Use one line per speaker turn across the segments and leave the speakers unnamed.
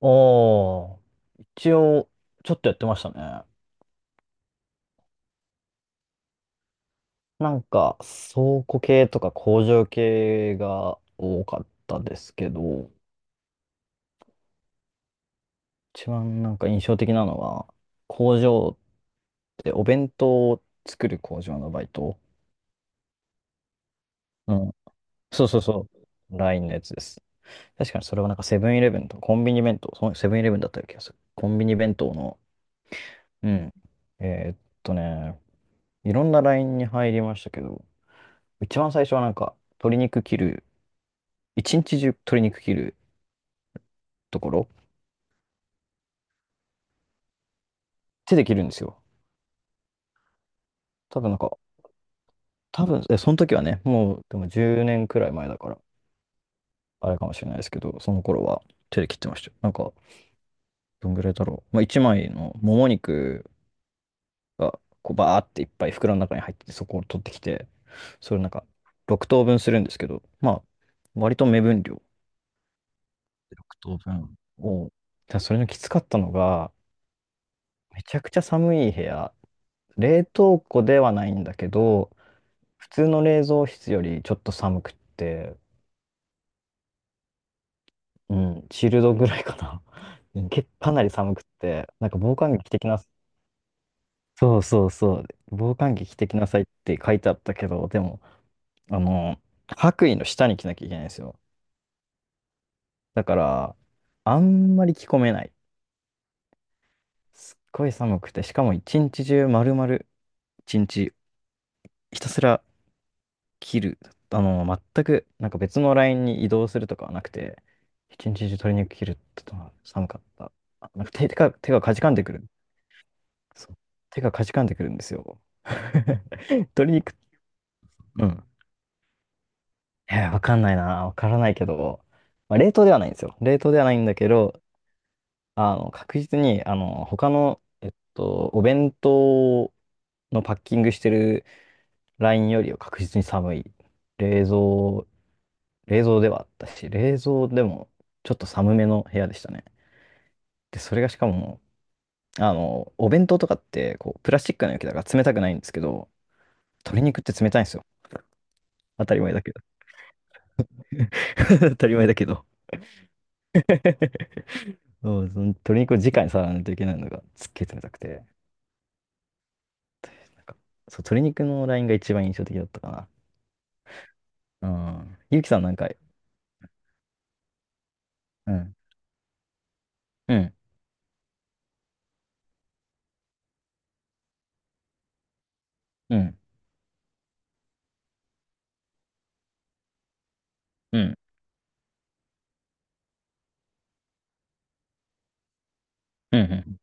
おー、一応、ちょっとやってましたね。なんか、倉庫系とか工場系が多かったですけど、一番印象的なのは、工場ってお弁当を作る工場のバイト。うん。そうそうそう。ラインのやつです。確かにそれはセブンイレブンとかコンビニ弁当、そうセブンイレブンだったような気がする。コンビニ弁当の、うん。えーっとね、いろんなラインに入りましたけど、一番最初は鶏肉切る一日中鶏肉切るところ、手で切るんですよ。多分なんか、多分、その時はね、もうでも10年くらい前だから、あれかもしれないですけど、その頃は手で切ってましたよ。どんぐらいだろう。まあ、1枚のもも肉が、こう、バーっていっぱい袋の中に入ってて、そこを取ってきて、それなんか、6等分するんですけど、まあ、割と目分量。6等分を。ただそれのきつかったのが、めちゃくちゃ寒い部屋、冷凍庫ではないんだけど、普通の冷蔵室よりちょっと寒くって、うん、チルドぐらいかな。うんけ、かなり寒くって、なんか防寒着着てきなさい。そうそうそう。防寒着着てきなさいって書いてあったけど、でも、あの、白衣の下に着なきゃいけないんですよ。だから、あんまり着込めない。すっごい寒くて、しかも一日中丸々、一日ひたすら切る。あの、全く、別のラインに移動するとかはなくて、一日中鶏肉切るっての寒かった。手がかじかんでくる。そう。手がかじかんでくるんですよ。鶏肉、うん。えー、わかんないな。わからないけど、まあ、冷凍ではないんですよ。冷凍ではないんだけど、確実に、他の、お弁当のパッキングしてるラインよりは確実に寒い。冷蔵冷蔵ではあったし、冷蔵でもちょっと寒めの部屋でしたね。で、それがしかも、お弁当とかって、こう、プラスチックの容器だから冷たくないんですけど、鶏肉って冷たいんですよ。当たり前だけど。当たり前だけど。そう、その鶏肉を直に触らないといけないのがすっげえ冷たくて、なんか、そう、鶏肉のラインが一番印象的だったかな。うん。ゆうきさんなんか、うん。うん。うん。うん。うん。うん、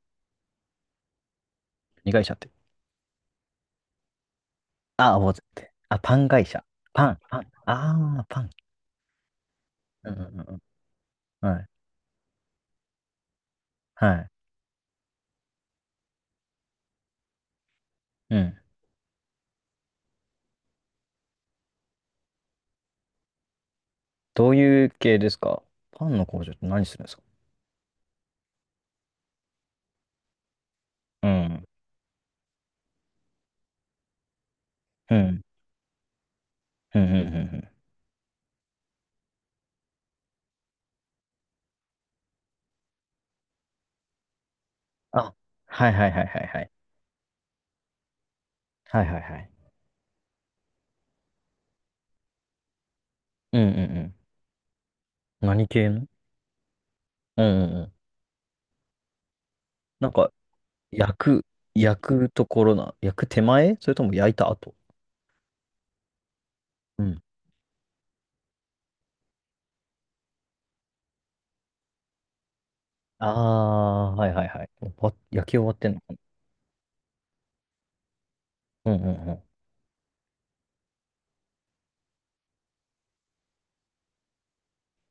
二会社って。ああ、覚えって。あ、パン会社。パン、パン。ああ、パン。うんうんうん。はい。はい。うん。どういう系ですか？パンの工場って何するんですか？うん。うん。うん。うん。うんうん、あ、はいはいはいはいはい。はいはいはい。うんうんうん。何系の？うんうんうん。なんか、焼く、焼くところな、焼く手前それとも焼いた後？うん。ああ、はいはいはい。終わ焼き終わってんのかな？うんうんうん。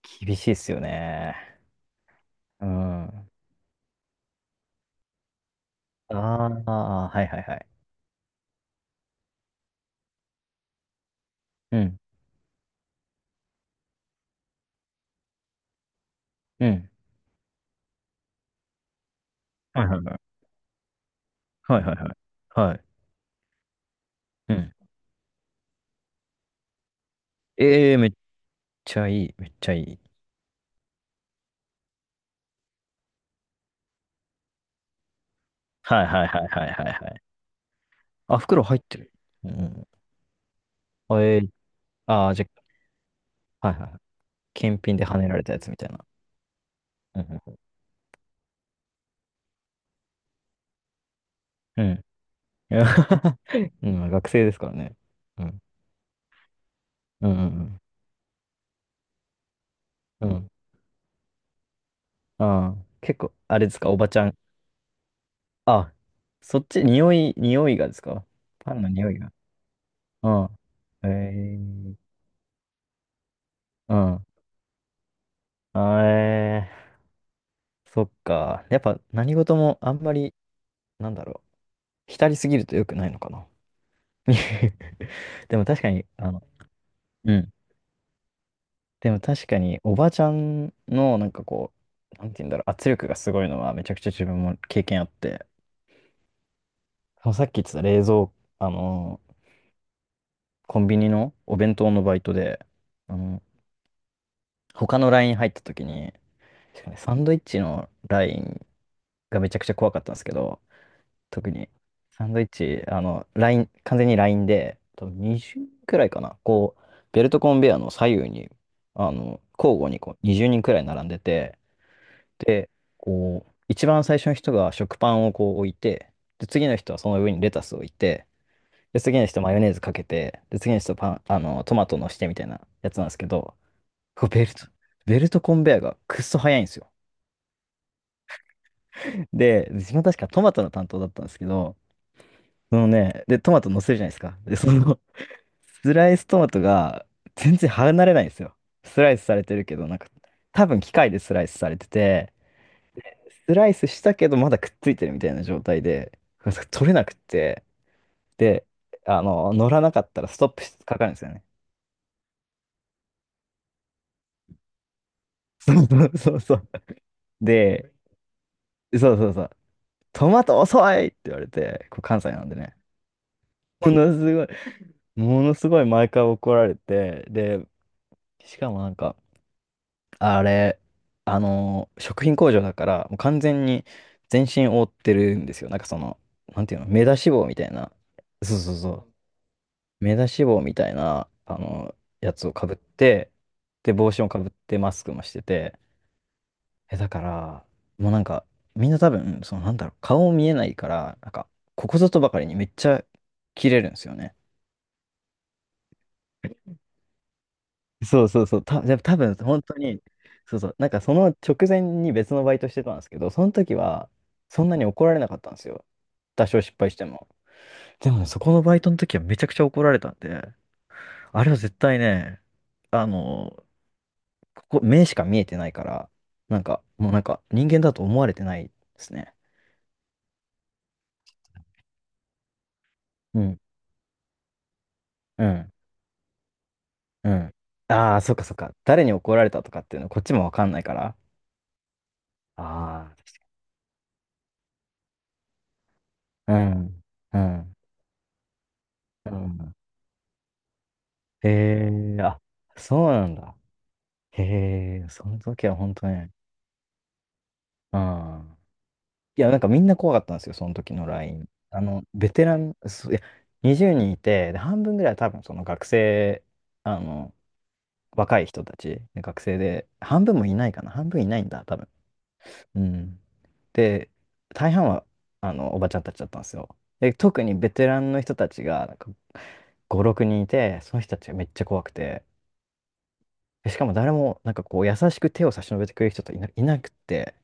厳しいっすよね。うん。ああ、はいはいはい。うん。うん。はいはいはい。はいはいはい。はい。うん。ええ、めっちゃいい、めっちゃいい。はいはいはいはいはいはい。あ、袋入ってる。うん。あえー。あーじゃあ、はいはいはい。検品で跳ねられたやつみたいな。うんうん。うん。うん、学生ですからね。うん。うんうんうん。うん。ああ、結構、あれですか、おばちゃん。あ、そっち、匂い、匂いがですか？パンの匂いが。うん。えー。うん。あえー、そっか。やっぱ何事もあんまり、なんだろう、浸りすぎると良くないのかな。でも確かに、うん。でも確かに、おばちゃんの、こう、なんて言うんだろう、圧力がすごいのは、めちゃくちゃ自分も経験あって、そのさっき言ってた冷蔵、あの、コンビニのお弁当のバイトで、あの、他のライン入った時に、確かにサンドイッチのラインがめちゃくちゃ怖かったんですけど、特に、サンドイッチ、ライン、完全にラインで、多分20くらいかな。こう、ベルトコンベヤーの左右に、交互にこう20人くらい並んでて、で、こう、一番最初の人が食パンをこう置いて、で、次の人はその上にレタスを置いて、で、次の人マヨネーズかけて、で、次の人パン、トマトのしてみたいなやつなんですけど、こうベルトコンベヤーがくっそ早いんですよ。で、自分は確かトマトの担当だったんですけど、そのね、で、トマト乗せるじゃないですか。で、その、スライストマトが全然離れないんですよ。スライスされてるけど、なんか多分機械でスライスされてて、スライスしたけどまだくっついてるみたいな状態で、取れなくって、で、乗らなかったらストップしかかるんですよね。そうそうそうそう。で、そうそうそう。トマト遅いって言われて、こう関西なんでね。ものすごい、ものすごい毎回怒られて、で、しかもなんか、あれ、あのー食品工場だから、もう完全に全身覆ってるんですよ。その、なんていうの、目出し帽みたいな、そうそうそう、目出し帽みたいな、あのやつをかぶって、で、帽子もかぶって、マスクもしてて、だから、もうなんか、みんな多分、その、なんだろう、顔見えないから、ここぞとばかりにめっちゃ切れるんですよね。じゃあ多分本当に、そうそう、なんかその直前に別のバイトしてたんですけど、その時はそんなに怒られなかったんですよ。多少失敗しても。でもね、そこのバイトの時はめちゃくちゃ怒られたんで、あれは絶対ね、あの、ここ、目しか見えてないから、なんか、もうなんか人間だと思われてないですね。うん、うん、うん。ああ、そっかそっか。誰に怒られたとかっていうのこっちもわかんないから。ああ、うん、うん、うん。へえ、あ、そうなんだ。へえ、その時は本当ね、うん。いや、なんかみんな怖かったんですよ、その時の LINE。あの、ベテラン、そういや、20人いて、で、半分ぐらいは多分その学生、あの、若い人たち、学生で、半分もいないかな、半分いないんだ、多分。うん。で、大半は、おばちゃんたちだったんですよ。で、特にベテランの人たちが、5、6人いて、その人たちがめっちゃ怖くて、しかも誰も、なんかこう、優しく手を差し伸べてくれる人といなくて、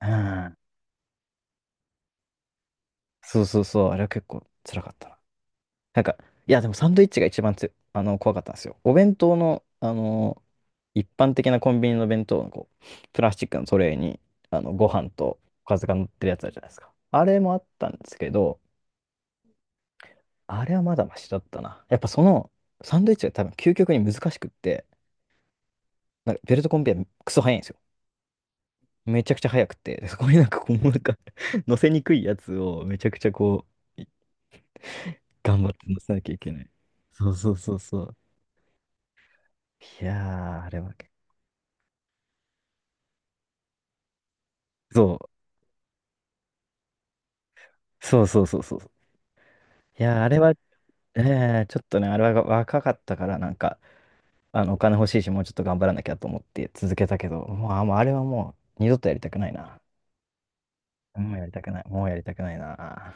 うん。そうそうそう、あれは結構辛かったな。なんか、いや、でもサンドイッチが一番つ、怖かったんですよ。お弁当の、一般的なコンビニの弁当のこう、プラスチックのトレーに、ご飯とおかずが乗ってるやつあるじゃないですか。あれもあったんですけど、あれはまだマシだったな。やっぱその、サンドイッチが多分究極に難しくって、なんかベルトコンベヤークソ早いんですよ。めちゃくちゃ速くて、そこに乗せにくいやつをめちゃくちゃう、い頑張って乗せなきゃいけない。そうそうそうそう。いやー、あれは、そう、そうそうそうそう。いやー、あれは、えー、ちょっとね、あれは若かったから、お金欲しいし、もうちょっと頑張らなきゃと思って続けたけど、もうあれはもう、二度とやりたくないな。もうやりたくない。もうやりたくないな。